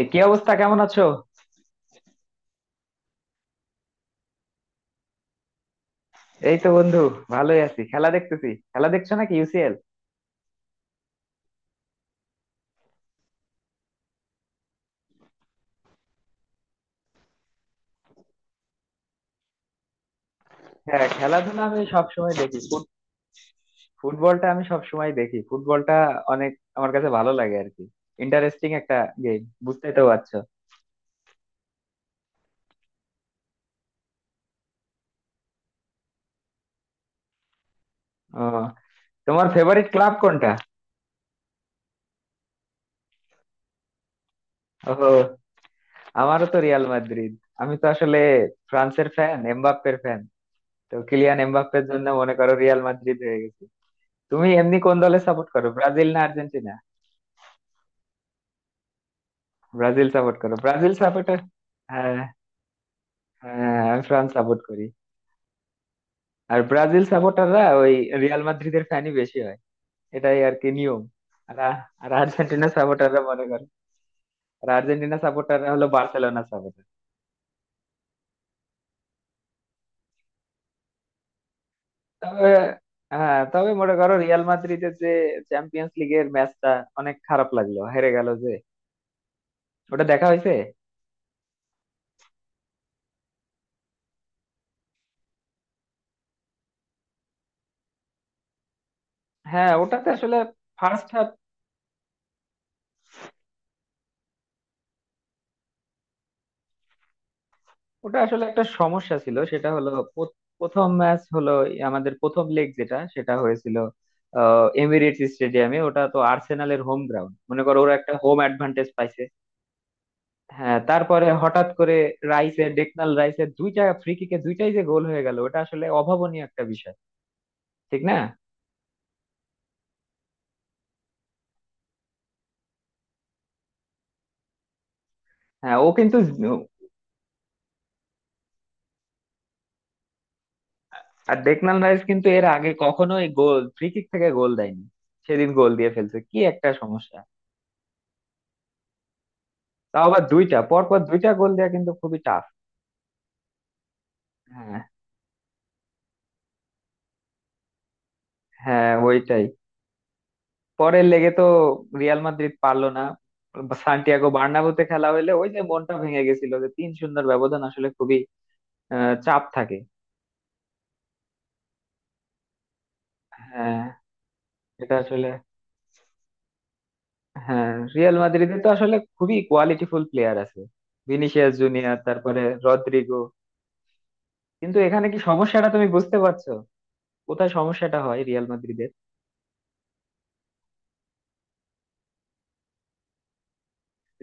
এ কি অবস্থা, কেমন আছো? এই তো বন্ধু, ভালোই আছি। খেলা দেখতেছি। খেলা দেখছো নাকি? ইউসিএল। হ্যাঁ, খেলাধুলা আমি সব সময় দেখি। ফুটবলটা আমি সব সময় দেখি। ফুটবলটা অনেক আমার কাছে ভালো লাগে আর কি। ইন্টারেস্টিং একটা গেম, বুঝতেই তো পারছো। ও, তোমার ফেভারিট ক্লাব কোনটা? ও, আমারও তো রিয়াল মাদ্রিদ। আমি তো আসলে ফ্রান্সের ফ্যান, এমবাপ্পের ফ্যান। তো কিলিয়ান এমবাপ্পের জন্য মনে করো রিয়াল মাদ্রিদ হয়ে গেছে। তুমি এমনি কোন দলে সাপোর্ট করো, ব্রাজিল না আর্জেন্টিনা? ব্রাজিল সাপোর্ট করো, ব্রাজিল সাপোর্টার। হ্যাঁ, আমি ফ্রান্স সাপোর্ট করি। আর ব্রাজিল সাপোর্টাররা ওই রিয়াল মাদ্রিদের ফ্যানই বেশি হয়। এটাই আর কি নিয়ম। আর আ- আর আর্জেন্টিনা সাপোর্টাররা মনে করো, আর আর্জেন্টিনা সাপোর্টাররা হলো বার্সেলোনা সাপোর্টার। তবে হ্যাঁ, তবে মনে করো রিয়াল মাদ্রিদের যে চ্যাম্পিয়ন্স লিগের ম্যাচটা, অনেক খারাপ লাগলো, হেরে গেল যে। ওটা দেখা হয়েছে? হ্যাঁ, ওটাতে আসলে ফার্স্ট, ওটা আসলে একটা সমস্যা ছিল, সেটা হলো প্রথম ম্যাচ হলো এই, আমাদের প্রথম লেগ যেটা, সেটা হয়েছিল এমিরেটস স্টেডিয়ামে। ওটা তো আর্সেনালের হোম গ্রাউন্ড, মনে করো ওরা একটা হোম অ্যাডভান্টেজ পাইছে। হ্যাঁ, তারপরে হঠাৎ করে রাইসের, ডেকনাল রাইসের দুইটা ফ্রি কিকে দুইটাই যে গোল হয়ে গেল, ওটা আসলে অভাবনীয় একটা বিষয়, ঠিক না? হ্যাঁ, ও কিন্তু। আর ডেকনাল রাইস কিন্তু এর আগে কখনোই গোল, ফ্রি কিক থেকে গোল দেয়নি। সেদিন গোল দিয়ে ফেলছে, কি একটা সমস্যা। তাও আবার দুইটা, পরপর দুইটা গোল দেওয়া কিন্তু খুবই টাফ। হ্যাঁ ওইটাই। পরের লেগে তো রিয়াল মাদ্রিদ পারলো না। সান্টিয়াগো বার্নাবুতে খেলা হইলে ওই যে মনটা ভেঙে গেছিল, যে 3-0 ব্যবধান আসলে খুবই চাপ থাকে। হ্যাঁ, এটা আসলে। হ্যাঁ, রিয়াল মাদ্রিদে তো আসলে খুবই কোয়ালিটিফুল প্লেয়ার আছে। ভিনিসিয়াস জুনিয়র, তারপরে রদ্রিগো, কিন্তু এখানে কি সমস্যাটা তুমি বুঝতে পারছো? কোথায় সমস্যাটা হয় রিয়াল মাদ্রিদের?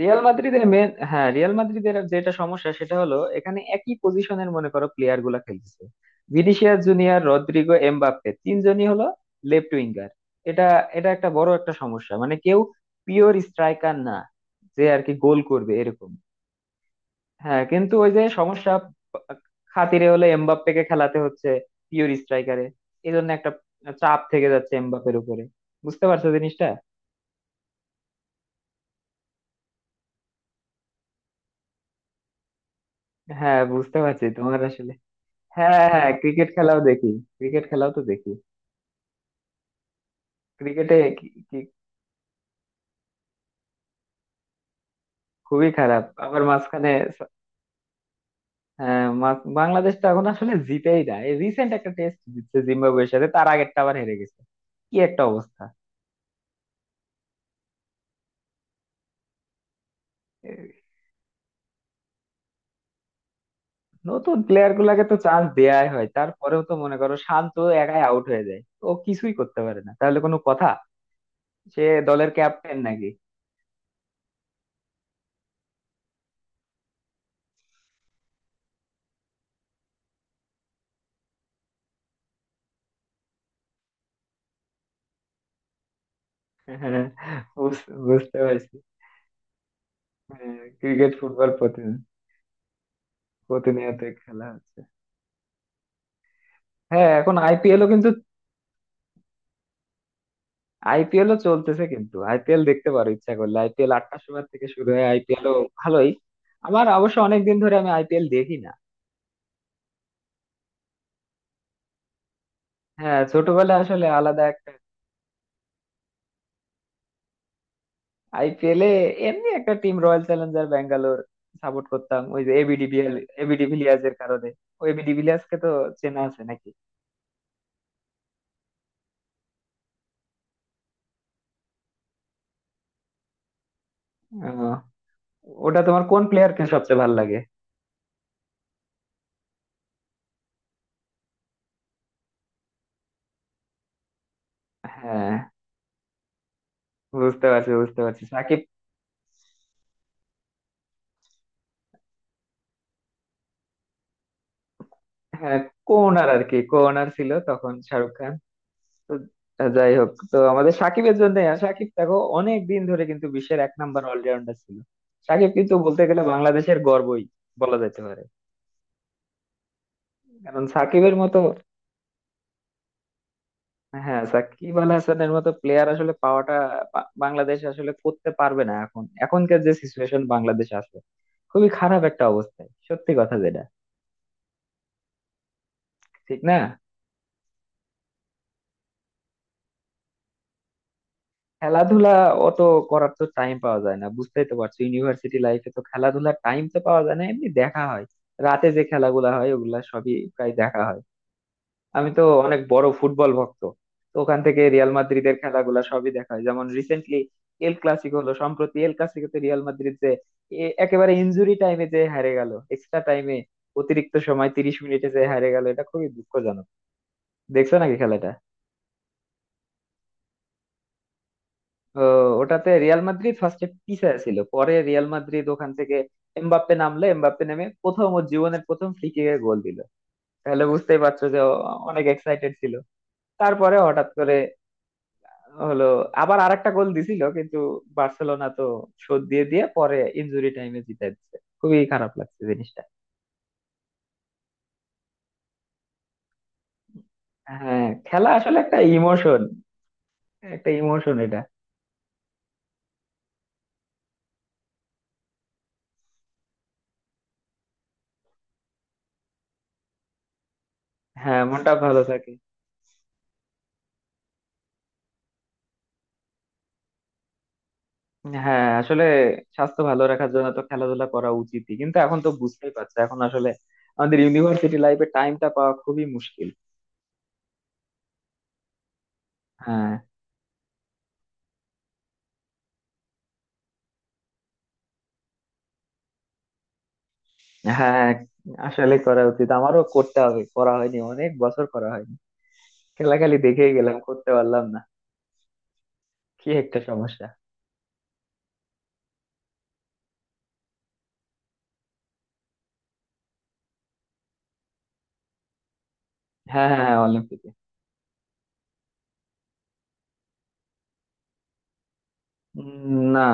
রিয়াল মাদ্রিদের মেন, হ্যাঁ রিয়াল মাদ্রিদের যেটা সমস্যা, সেটা হলো এখানে একই পজিশনের মনে করো প্লেয়ার গুলা খেলতেছে। ভিনিসিয়াস জুনিয়র, রদ্রিগো, এমবাপ্পে তিনজনই হলো লেফট উইঙ্গার। এটা এটা একটা বড় একটা সমস্যা। মানে কেউ পিওর স্ট্রাইকার না, যে আর কি গোল করবে এরকম। হ্যাঁ কিন্তু ওই যে সমস্যা, খাতিরে হলে এমবাপ্পেকে খেলাতে হচ্ছে পিওর স্ট্রাইকারে। এই জন্য একটা চাপ থেকে যাচ্ছে এমবাপ্পের উপরে। বুঝতে পারছো জিনিসটা? হ্যাঁ বুঝতে পারছি তোমার আসলে। হ্যাঁ হ্যাঁ, ক্রিকেট খেলাও দেখি। ক্রিকেট খেলাও তো দেখি। ক্রিকেটে কি কি খুবই খারাপ আবার মাঝখানে। স- হ্যাঁ, বাংলাদেশ তো এখন আসলে জিতেই না। এই রিসেন্ট একটা টেস্ট জিতছে জিম্বাবুয়ের সাথে, তার আগেরটা আবার হেরে গেছে। কি একটা অবস্থা। এ, নতুন প্লেয়ার গুলাকে তো চান্স দেয়াই হয়, তারপরেও তো মনে করো শান্ত একাই আউট হয়ে যায়। ও কিছুই করতে পারে না, তাহলে কোনো কথা। সে দলের ক্যাপ্টেন নাকি। হ্যাঁ, বুঝতে পারছি। ক্রিকেট, ফুটবল প্রতিদিন, প্রতিনিয়ত খেলা হচ্ছে। হ্যাঁ, এখন আইপিএলও কিন্তু, আইপিএলও চলতেছে। কিন্তু আইপিএল দেখতে পারো ইচ্ছা করলে। আইপিএল 8টার সময় থেকে শুরু হয়। আইপিএলও ভালোই। আমার অবশ্য অনেক দিন ধরে আমি আইপিএল দেখি না। হ্যাঁ, ছোটবেলায় আসলে আলাদা একটা। আইপিএল এ এমনি একটা team, Royal Challenger Bangalore support করতাম। ওই যে এবি ডিভিএল, এবি ডিভিলিয়ার্স এর কারণে। ও, এবি ডিভিলিয়ার্স কে তো চেনা আছে নাকি? আহ, ওটা তোমার কোন প্লেয়ারকে সবচেয়ে ভালো লাগে? হ্যাঁ বুঝতে পারছি, বুঝতে পারছি সাকিব। হ্যাঁ, কোনার আর কি, কোনার ছিল তখন শাহরুখ। তো যাই হোক, তো আমাদের সাকিবের জন্য, সাকিব দেখো অনেক দিন ধরে কিন্তু বিশ্বের এক নাম্বার অলরাউন্ডার ছিল। সাকিব কিন্তু বলতে গেলে বাংলাদেশের গর্বই বলা যেতে পারে। কারণ সাকিবের মতো, হ্যাঁ সাকিব আল হাসানের মতো প্লেয়ার আসলে পাওয়াটা, বাংলাদেশ আসলে করতে পারবে না। এখন এখনকার যে সিচুয়েশন বাংলাদেশ আছে, খুবই খারাপ একটা অবস্থায়, সত্যি কথা যেটা। ঠিক না। খেলাধুলা অত করার তো টাইম পাওয়া যায় না। বুঝতেই তো পারছো ইউনিভার্সিটি লাইফে তো খেলাধুলার টাইম তো পাওয়া যায় না। এমনি দেখা হয়, রাতে যে খেলাগুলা হয়, ওগুলা সবই প্রায় দেখা হয়। আমি তো অনেক বড় ফুটবল ভক্ত। তো ওখান থেকে রিয়াল মাদ্রিদের খেলাগুলা সবই দেখা হয়। যেমন রিসেন্টলি এল ক্লাসিকো হলো। সম্প্রতি এল ক্লাসিকোতে রিয়াল মাদ্রিদ যে একেবারে ইনজুরি টাইমে যে হারে গেল, এক্সট্রা টাইমে, অতিরিক্ত সময় 30 মিনিটে যে হারে গেল, এটা খুবই দুঃখজনক। দেখছো নাকি খেলাটা? ও, ওটাতে রিয়াল মাদ্রিদ ফার্স্টে পিছিয়ে ছিল, পরে রিয়াল মাদ্রিদ ওখান থেকে এমবাপ্পে নামলে, এমবাপ্পে নেমে প্রথম, ওর জীবনের প্রথম ফ্রি কিকে গোল দিল। তাহলে বুঝতেই পারছো যে ও অনেক এক্সাইটেড ছিল। তারপরে হঠাৎ করে হলো, আবার আরেকটা গোল দিছিল কিন্তু, বার্সেলোনা তো শোধ দিয়ে দিয়ে পরে ইনজুরি টাইমে জিতে দিচ্ছে। খুবই খারাপ লাগছে জিনিসটা। হ্যাঁ খেলা আসলে একটা ইমোশন, একটা ইমোশন এটা। হ্যাঁ মনটা ভালো থাকে। হ্যাঁ আসলে স্বাস্থ্য ভালো রাখার জন্য তো খেলাধুলা করা উচিতই, কিন্তু এখন তো বুঝতেই পারছো এখন আসলে আমাদের ইউনিভার্সিটি লাইফে টাইমটা পাওয়া খুবই মুশকিল। হ্যাঁ, হ্যাঁ আসলে করা উচিত, আমারও করতে হবে, করা হয়নি, অনেক বছর করা হয়নি। খেলা খালি দেখেই গেলাম, করতে পারলাম না। কি একটা সমস্যা। হ্যাঁ হ্যাঁ হ্যাঁ, অলিম্পিকে। না।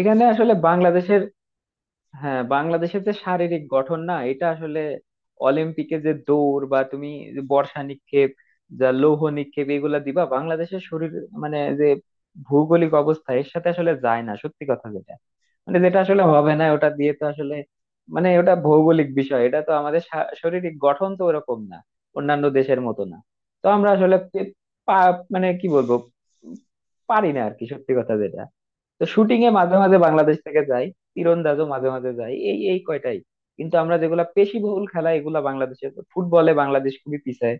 এখানে আসলে বাংলাদেশের, হ্যাঁ বাংলাদেশের যে শারীরিক গঠন না, এটা আসলে অলিম্পিকে যে দৌড় বা তুমি যে বর্ষা নিক্ষেপ, যা লৌহ নিক্ষেপ, এগুলা দিবা, বাংলাদেশের শরীর মানে যে ভৌগোলিক অবস্থা, এর সাথে আসলে যায় না, সত্যি কথা যেটা। মানে যেটা আসলে হবে না ওটা দিয়ে, তো আসলে মানে ওটা ভৌগোলিক বিষয়। এটা তো আমাদের শারীরিক গঠন তো ওরকম না, অন্যান্য দেশের মতো না। তো আমরা আসলে মানে কি বলবো, পারি না আর কি, সত্যি কথা যেটা। তো শুটিং এ মাঝে মাঝে বাংলাদেশ থেকে যাই, তীরন্দাজও মাঝে মাঝে যাই, এই এই কয়টাই। কিন্তু আমরা যেগুলা পেশিবহুল খেলা এগুলা বাংলাদেশের, ফুটবলে বাংলাদেশ খুবই পিছায়।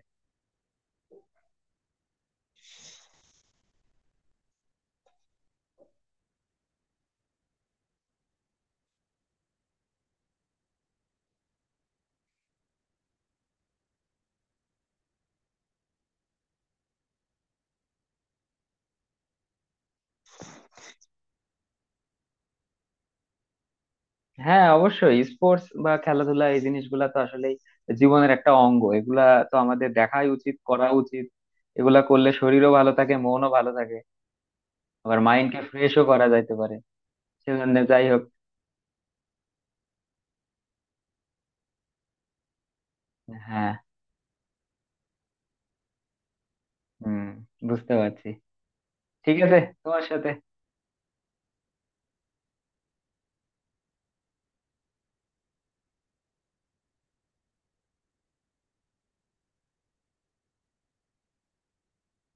হ্যাঁ অবশ্যই স্পোর্টস বা খেলাধুলা এই জিনিসগুলা তো আসলে জীবনের একটা অঙ্গ এগুলা। তো আমাদের দেখাই উচিত, করা উচিত। এগুলা করলে শরীরও ভালো থাকে, মনও ভালো থাকে, আবার মাইন্ডকে ফ্রেশও করা যাইতে পারে। সেজন্য যাই হোক। হ্যাঁ। হুম, বুঝতে পারছি। ঠিক আছে তোমার সাথে।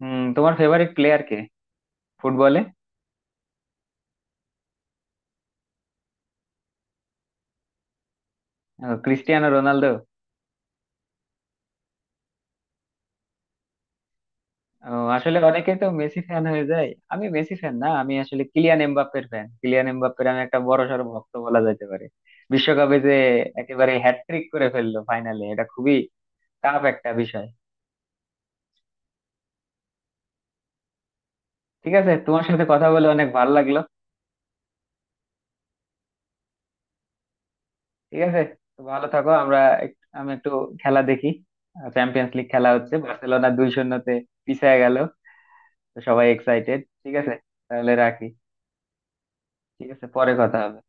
হুম, তোমার ফেভারিট প্লেয়ার কে ফুটবলে? Cristiano Ronaldo. ও, আসলে অনেকেই তো মেসি ফ্যান হয়ে যায়। আমি মেসি ফ্যান না, আমি আসলে কিলিয়ান এমবাপ্পের ফ্যান। কিলিয়ান এমবাপ্পের আমি একটা বড়সড় ভক্ত বলা যেতে পারে। বিশ্বকাপে যে একেবারে হ্যাটট্রিক করে ফেললো ফাইনালে, এটা খুবই টাফ একটা বিষয়। ঠিক আছে, তোমার সাথে কথা বলে অনেক ভালো লাগলো। ঠিক আছে, তো ভালো থাকো। আমরা আমি একটু খেলা দেখি। চ্যাম্পিয়ন্স লিগ খেলা হচ্ছে, বার্সেলোনা 2-0 পিছিয়ে গেল। তো সবাই এক্সাইটেড, ঠিক আছে? তাহলে রাখি। ঠিক আছে, পরে কথা হবে।